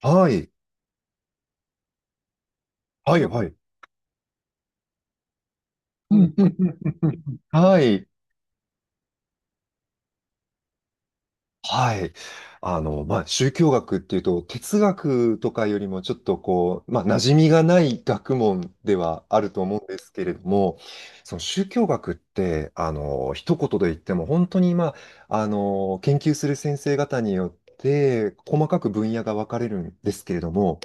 はい。はい、はい。うんうんうんうんうん、はい。はい。宗教学っていうと、哲学とかよりもちょっとこう、馴染みがない学問ではあると思うんですけれども、その宗教学って、一言で言っても、本当に、研究する先生方によって、細かく分野が分かれるんですけれども、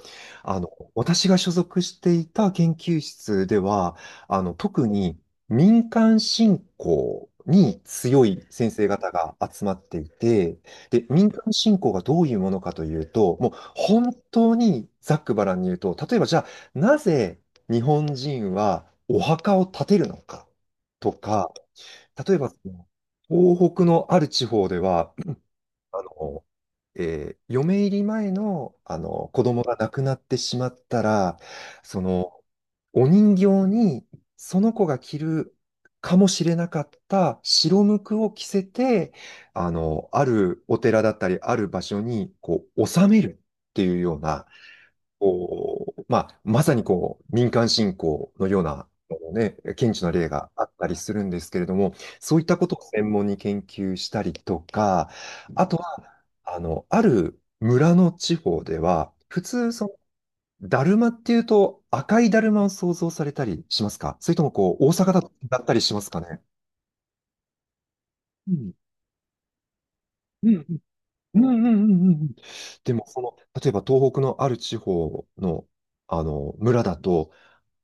私が所属していた研究室では、特に民間信仰に強い先生方が集まっていて、で、民間信仰がどういうものかというと、もう本当にざっくばらんに言うと、例えばじゃあ、なぜ日本人はお墓を建てるのかとか、例えばその東北のある地方では、あの、嫁入り前の、あの子供が亡くなってしまったら、そのお人形にその子が着るかもしれなかった白無垢を着せて、あるお寺だったり、ある場所に、こう、納めるっていうような、こう、まあ、まさにこう、民間信仰のような、ね、顕著な例があったりするんですけれども、そういったことを専門に研究したりとか、あとは、ある村の地方では、普通、だるまっていうと赤いだるまを想像されたりしますか、それともこう、大阪だとだったりしますかね。うん。うん、うん、うん、うん、うんうん。でも、その、例えば東北のある地方の、村だと、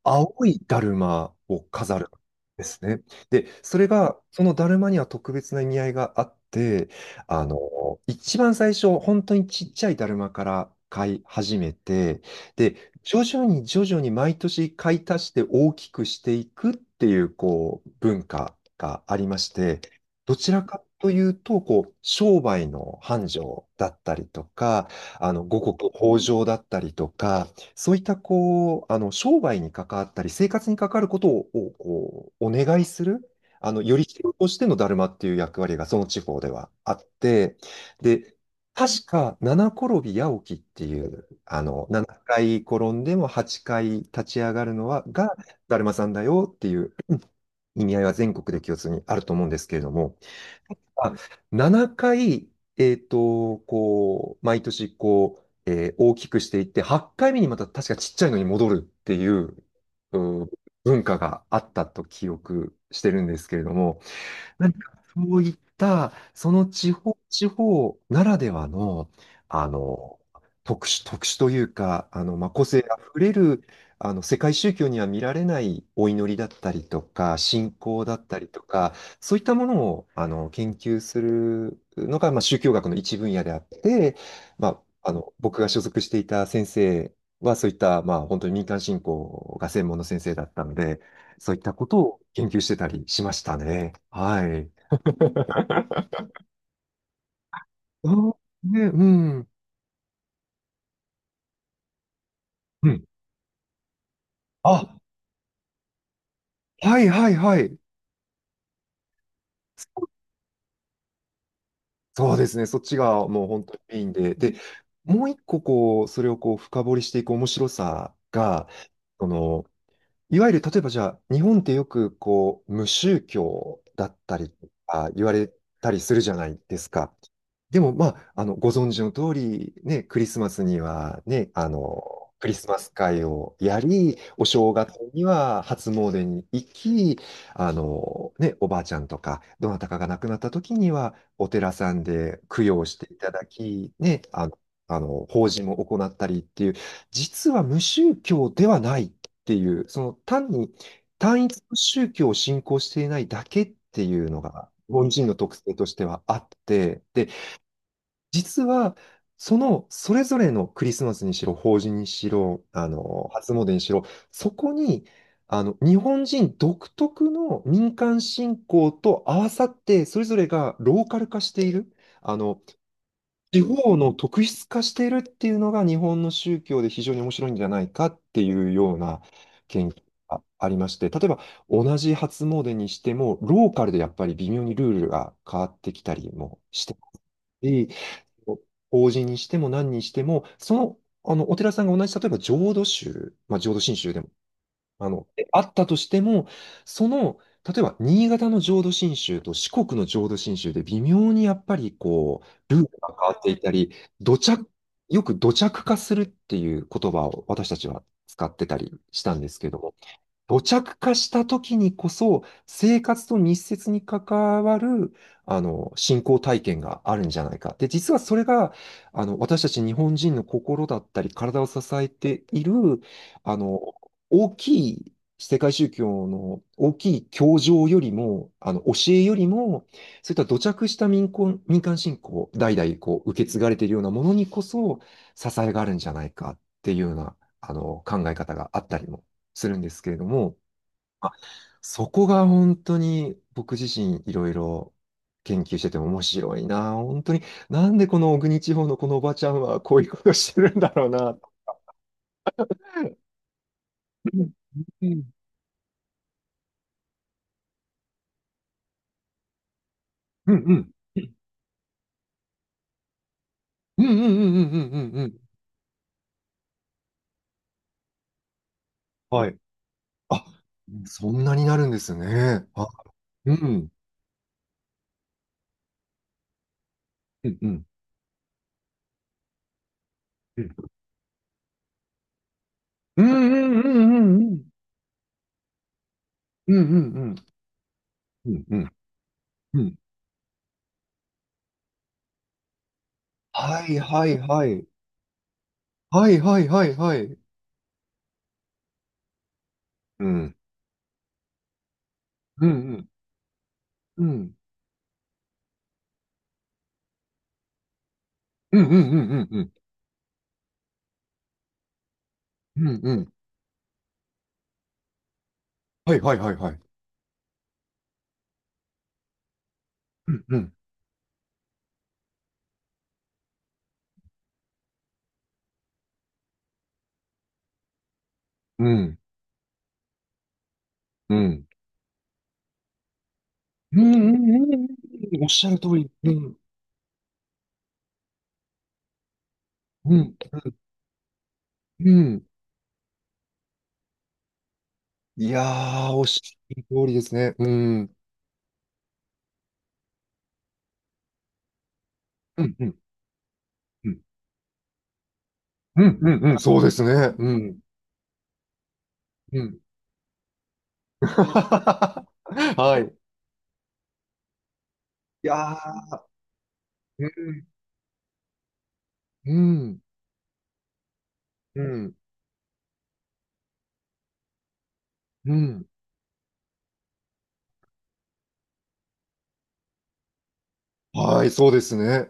青いだるまを飾るんですね。で、それが、そのだるまには特別な意味合いがあって、あの、一番最初、本当にちっちゃいだるまから買い始めて、で、徐々に毎年買い足して大きくしていくっていう、こう、文化がありまして、どちらかというと、こう、商売の繁盛だったりとか、五穀豊穣だったりとか、そういったこう、商売に関わったり、生活に関わることを、こう、お願いする、より人としてのだるまっていう役割がその地方ではあって、で、確か七転び八起きっていう、7回転んでも8回立ち上がるのは、が、だるまさんだよっていう意味合いは全国で共通にあると思うんですけれども、あ、7回、こう、毎年、こう、大きくしていって、8回目にまた確かちっちゃいのに戻るっていう、うん、文化があったと記憶してるんですけれども、何かそういった、その地方、地方ならではの、あの、特殊というか、個性あふれる、世界宗教には見られないお祈りだったりとか、信仰だったりとか、そういったものを、研究するのが、まあ、宗教学の一分野であって、ま僕が所属していた先生は、そういった、まあ、本当に民間信仰が専門の先生だったので、そういったことを研究してたりしましたね。はい。うん、ね、うん。うん。あ、はいはいはい。そう、そうですね。そっちがもう本当にメインで。で、もう一個こう、それをこう深掘りしていく面白さが、その、いわゆる例えばじゃあ、日本ってよくこう、無宗教だったりとか言われたりするじゃないですか。でも、ご存知の通り、ね、クリスマスにはね、クリスマス会をやり、お正月には初詣に行き、ね、おばあちゃんとか、どなたかが亡くなった時には、お寺さんで供養していただき、ね、法事も行ったりっていう、実は無宗教ではないっていう、その単に単一の宗教を信仰していないだけっていうのが、日本人の特性としてはあって、で、実は、その、それぞれのクリスマスにしろ、法事にしろ、初詣にしろ、そこに、日本人独特の民間信仰と合わさって、それぞれがローカル化している、あの、地方の特質化しているっていうのが日本の宗教で非常に面白いんじゃないかっていうような研究がありまして、例えば同じ初詣にしても、ローカルでやっぱり微妙にルールが変わってきたりもして、法事にしても何にしても、その、お寺さんが同じ、例えば浄土宗、まあ、浄土真宗でも、あったとしても、その、例えば、新潟の浄土真宗と四国の浄土真宗で微妙にやっぱりこう、ルールが変わっていたり、土着、よく土着化するっていう言葉を私たちは使ってたりしたんですけど、土着化した時にこそ、生活と密接に関わる、信仰体験があるんじゃないか。で、実はそれが、私たち日本人の心だったり、体を支えている、あの、大きい世界宗教の大きい教条よりも、教えよりも、そういった土着した民間信仰、代々こう、受け継がれているようなものにこそ、支えがあるんじゃないかっていうような、考え方があったりもするんですけれども、あ、そこが本当に僕自身いろいろ研究してても面白いな。本当に、なんでこの小国地方のこのおばちゃんはこういうことしてるんだろうな。うんうんうんうんうんうんうんうんうんうん。はい。あ、そんなになるんですね。あ、うん。うんうんうんうんうんうんうんうんうんうんうんうん、はいはいはいはいはいはい、はい、うんうんうんうんうんうんうんうんうんうんうん。はいはいはいはい。うんうん。うん。うん。うんうんうんうんうんうん、うん、おっしゃるとおり。うん。うん。うん。いやー、おっしゃるとおりですね。うん。うん。うん。うん。うん。うん、そうですね。うん。うん。はい。いやー。うん。うん。うん。うん、はい、そうですね。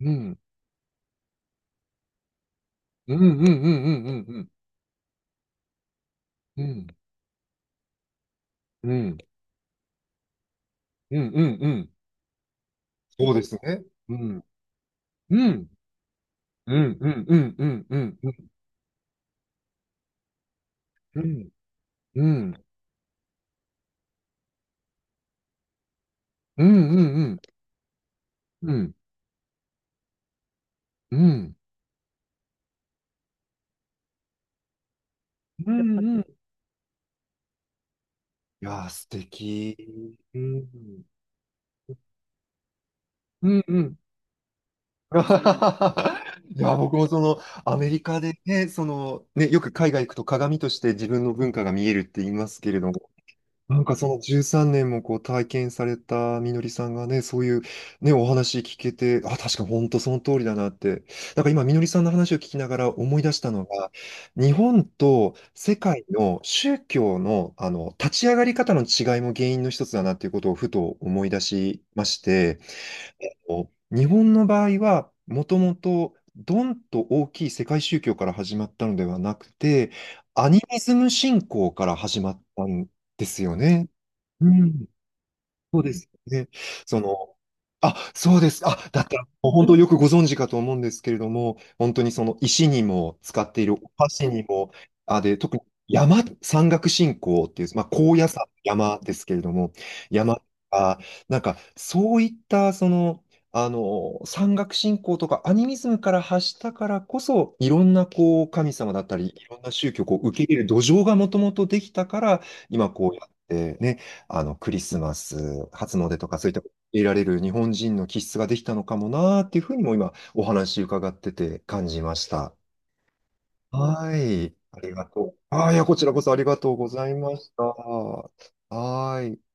うん。うん。うん。うん。うん。うん。うん。うん。うん。うん。うん。うん。そうですね。うん。うん。うん。うん。うん。うん。うん。うん。うん。うん。うん。うん。うん。うん。うん。うん。いやー、素敵。うん。うん。うん。いや、僕もその、アメリカでね、その、ね、よく海外行くと鏡として自分の文化が見えるって言いますけれども、なんかその13年もこう体験されたみのりさんがね、そういうね、お話聞けて、あ、確かに本当その通りだなって。なんか今みのりさんの話を聞きながら思い出したのが、日本と世界の宗教のあの立ち上がり方の違いも原因の一つだなっていうことをふと思い出しまして、あの日本の場合はもともとドンと大きい世界宗教から始まったのではなくて、アニミズム信仰から始まったんですよね。うん、そうですよね。その、あ、そうです。あ、だったら、もう本当よくご存知かと思うんですけれども、本当にその石にも使っているお箸にも、あ、で、特に山岳信仰っていう、まあ、高野山、山ですけれども、山とか、なんか、そういった、その、山岳信仰とかアニミズムから発したからこそ、いろんな、こう、神様だったり、いろんな宗教をこう受け入れる土壌がもともとできたから、今こうやってね、クリスマス、初詣とかそういった得られる日本人の気質ができたのかもなーっていうふうにも今お話伺ってて感じました。はい。ありがとう。ああ、いや、こちらこそありがとうございました。はーい。